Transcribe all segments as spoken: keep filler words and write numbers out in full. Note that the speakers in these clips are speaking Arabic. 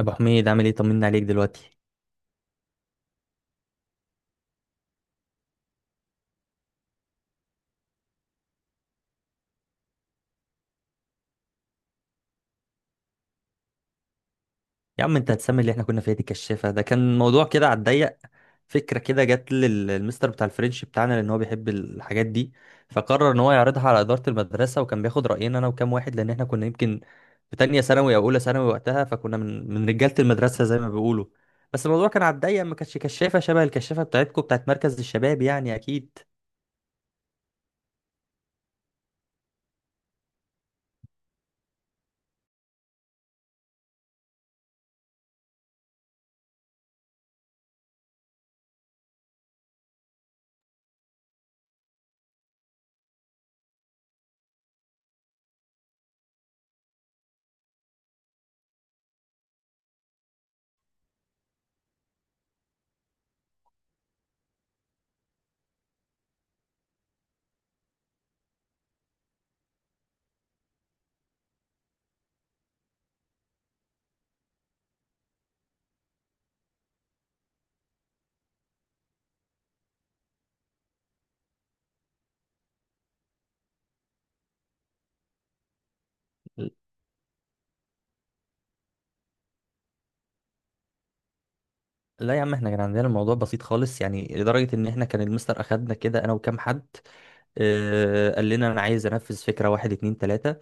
ابو حميد، عامل ايه؟ طمنا عليك دلوقتي. يا عم انت هتسمي اللي احنا كنا فيها دي كشافه؟ ده كان موضوع كده على الضيق. فكره كده جت للمستر بتاع الفرنش بتاعنا لان هو بيحب الحاجات دي، فقرر ان هو يعرضها على اداره المدرسه، وكان بياخد راينا انا وكام واحد، لان احنا كنا يمكن في تانية ثانوي او اولى ثانوي وقتها، فكنا من من رجاله المدرسه زي ما بيقولوا. بس الموضوع كان على الضيق، ما كانش كشافه شبه الكشافه بتاعتكم بتاعت مركز الشباب يعني، اكيد. لا يا عم، احنا كان عندنا الموضوع بسيط خالص، يعني لدرجه ان احنا كان المستر اخدنا كده انا وكام حد، آه، قال لنا انا عايز انفذ فكره، واحد اتنين تلاته،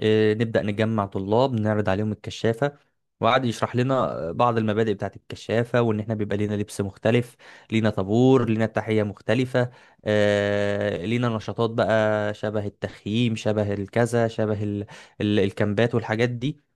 آه، نبدا نجمع طلاب نعرض عليهم الكشافه. وقعد يشرح لنا بعض المبادئ بتاعت الكشافه، وان احنا بيبقى لينا لبس مختلف، لينا طابور، لينا التحيه مختلفه، آه، لينا نشاطات بقى شبه التخييم، شبه الكذا، شبه ال... ال... الكامبات والحاجات دي.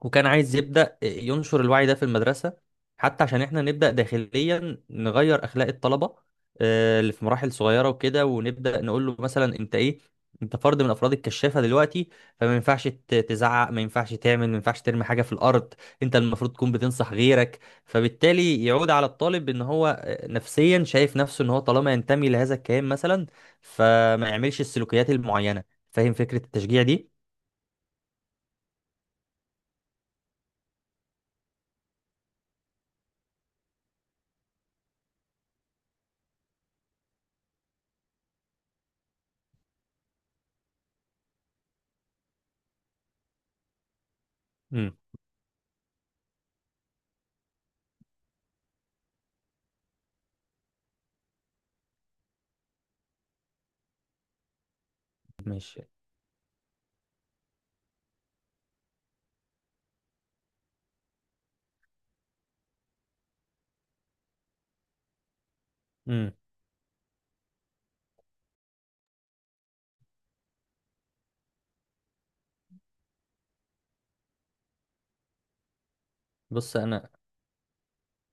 وكان عايز يبدأ ينشر الوعي ده في المدرسة، حتى عشان احنا نبدأ داخليا نغير أخلاق الطلبة، آه، اللي في مراحل صغيرة وكده، ونبدأ نقول له مثلا انت ايه، انت فرد من افراد الكشافة دلوقتي، فما ينفعش ت- تزعق، ما ينفعش تعمل، ما ينفعش ترمي حاجة في الأرض، انت المفروض تكون بتنصح غيرك. فبالتالي يعود على الطالب ان هو آه، نفسيا شايف نفسه ان هو طالما ينتمي لهذا الكيان مثلا، فما يعملش السلوكيات المعينة. فاهم فكرة التشجيع دي؟ امم. ماشي. امم. بص انا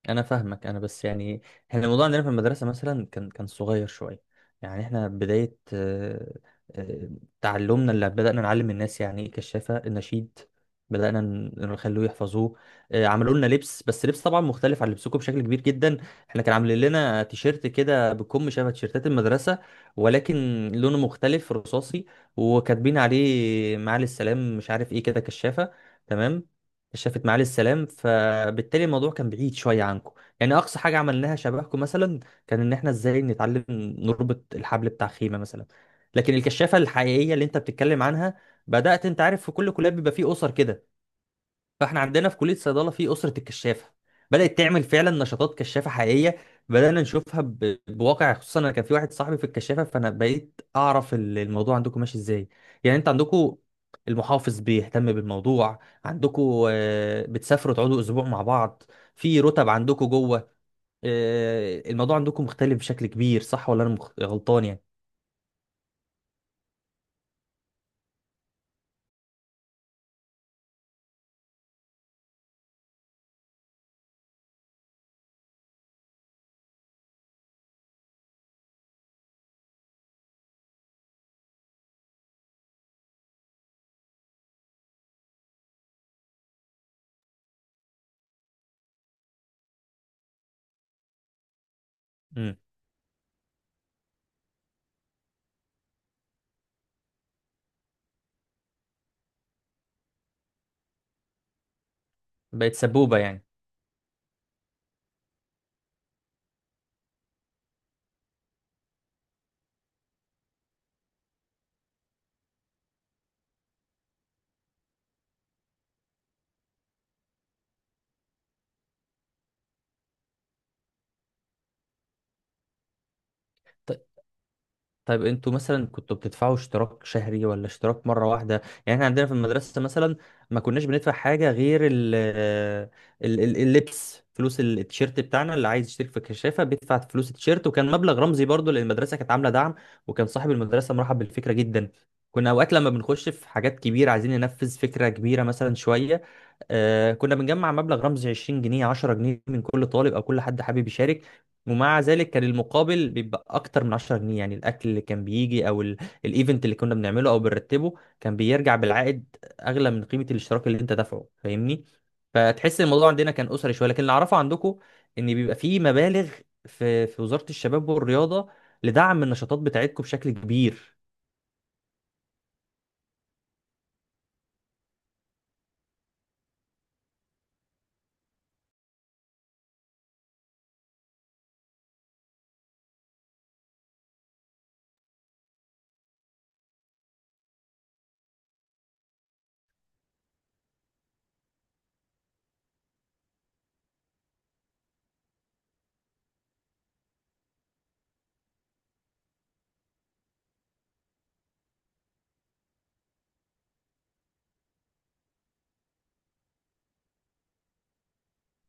انا فاهمك، انا بس يعني احنا الموضوع عندنا في المدرسه مثلا كان كان صغير شويه، يعني احنا بدايه آه، آه، تعلمنا، اللي بدانا نعلم الناس يعني ايه كشافه، النشيد بدانا ن- نخلوه يحفظوه، آه، عملوا لنا لبس، بس لبس طبعا مختلف عن لبسكم بشكل كبير جدا. احنا كان عاملين لنا تيشيرت كده بكم شبه تيشيرتات المدرسه، ولكن لونه مختلف رصاصي، وكاتبين عليه معالي السلام، مش عارف ايه كده، كشافه، تمام، شافت معالي السلام. فبالتالي الموضوع كان بعيد شويه عنكم. يعني اقصى حاجه عملناها شبهكم مثلا كان ان احنا ازاي نتعلم نربط الحبل بتاع خيمه مثلا. لكن الكشافه الحقيقيه اللي انت بتتكلم عنها بدات، انت عارف في كل كليه بيبقى فيه اسر كده، فاحنا عندنا في كليه الصيدله في اسره الكشافه بدات تعمل فعلا نشاطات كشافه حقيقيه، بدانا نشوفها ب... بواقع، خصوصا انا كان في واحد صاحبي في الكشافه، فانا بقيت اعرف ال- الموضوع عندكم ماشي ازاي. يعني انت عندكم المحافظ بيهتم بالموضوع، عندكم آه، بتسافروا تقعدوا اسبوع مع بعض، في رتب عندكم جوه، آه، الموضوع عندكم مختلف بشكل كبير، صح ولا انا مخ... غلطان يعني؟ امم. بقت سبوبه يعني. طيب انتوا مثلا كنتوا بتدفعوا اشتراك شهري ولا اشتراك مرة واحدة؟ يعني احنا عندنا في المدرسة مثلا ما كناش بندفع حاجة غير ال ال ال اللبس، فلوس ال- التيشيرت بتاعنا، اللي عايز يشترك في الكشافة بيدفع فلوس التيشيرت، وكان مبلغ رمزي برضو، لان المدرسة كانت عاملة دعم، وكان صاحب المدرسة مرحب بالفكرة جدا. كنا اوقات لما بنخش في حاجات كبيرة، عايزين ننفذ فكرة كبيرة مثلا شوية، آه كنا بنجمع مبلغ رمزي، عشرين جنيه، عشرة جنيه، من كل طالب او كل حد حابب يشارك. ومع ذلك كان المقابل بيبقى اكتر من عشرة جنيه، يعني الاكل اللي كان بيجي، او ال- الايفنت اللي كنا بنعمله او بنرتبه، كان بيرجع بالعائد اغلى من قيمه الاشتراك اللي انت دافعه، فاهمني؟ فتحس الموضوع عندنا كان اسري شويه، لكن اللي اعرفه عندكم ان بيبقى فيه مبالغ في في وزاره الشباب والرياضه لدعم النشاطات بتاعتكم بشكل كبير.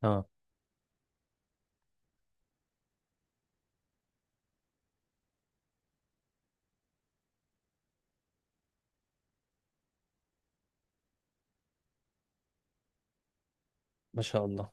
اه، ما شاء الله.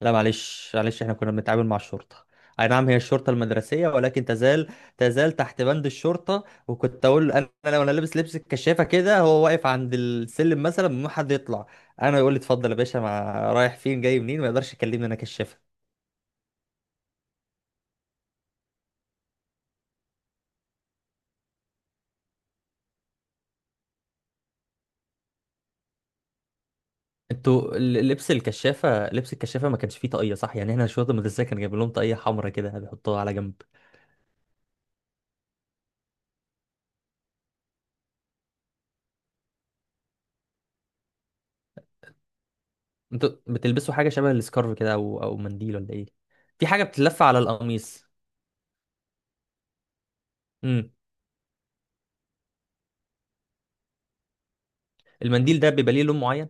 لا معلش معلش، احنا كنا بنتعامل مع الشرطة، اي نعم هي الشرطة المدرسية، ولكن تزال تزال تحت بند الشرطة، وكنت اقول انا لو انا لابس لبس الكشافة كده، هو واقف عند السلم مثلا، ما حد يطلع، انا يقول لي اتفضل يا باشا، مع رايح فين جاي منين، ما يقدرش يكلمني، انا كشافة. انتوا ال- لبس الكشافة، لبس الكشافة ما كانش فيه طاقية صح؟ يعني احنا الشرطة المدرسية كان جايب لهم طاقية حمرا كده بيحطوها على جنب. انتوا بتلبسوا حاجة شبه السكارف كده، او او منديل ولا ايه؟ في حاجة بتتلف على القميص. امم. المنديل ده بيبقى ليه لون معين؟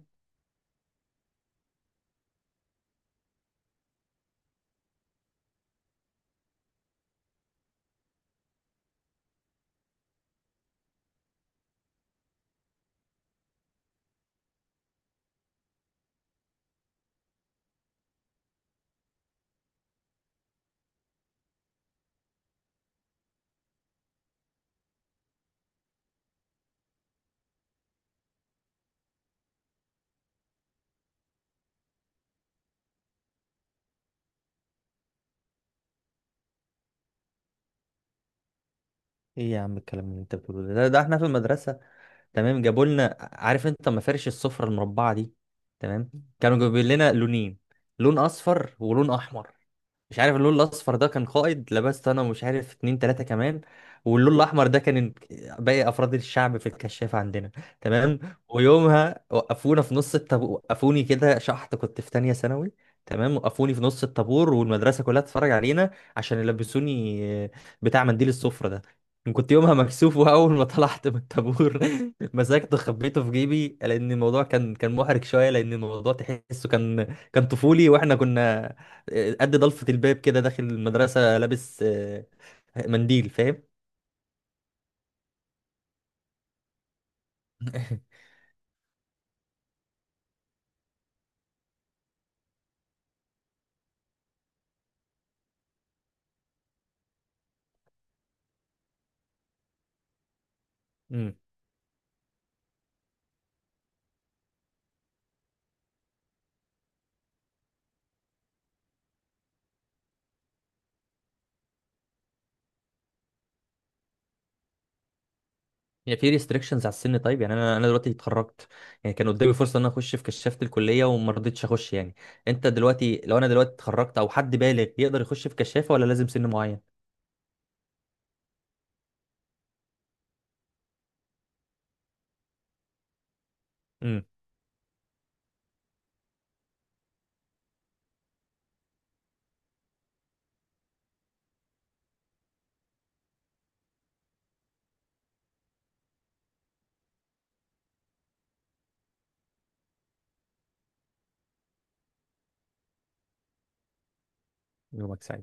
ايه يا عم الكلام اللي انت بتقوله ده ده ده؟ احنا في المدرسه تمام، جابوا لنا، عارف انت مفارش السفره المربعه دي، تمام، كانوا جايبين لنا لونين، لون اصفر ولون احمر، مش عارف اللون الاصفر ده كان قائد، لبست انا ومش عارف اتنين تلاته كمان، واللون الاحمر ده كان ال- باقي افراد الشعب في الكشافه عندنا، تمام. ويومها وقفونا في نص الطابور، وقفوني كده شحط، كنت في تانية ثانوي، تمام، وقفوني في نص الطابور والمدرسه كلها تتفرج علينا، عشان يلبسوني آه، بتاع منديل السفره ده، كنت يومها مكسوف، واول ما طلعت من الطابور مسكته خبيته في جيبي، لان الموضوع كان كان محرج شويه، لان الموضوع تحسه كان كان طفولي، واحنا كنا آه، قد ضلفه الباب كده داخل المدرسه لابس آه، منديل، فاهم؟ امم. يعني في ريستريكشنز على السن؟ طيب يعني انا انا دلوقتي اتخرجت، يعني كان قدامي فرصه ان انا اخش في كشافه الكليه، وما رضيتش اخش يعني، انت دلوقتي، لو انا دلوقتي اتخرجت او حد بالغ، يقدر يخش في كشافه ولا لازم سن معين؟ امم. يومك سعيد.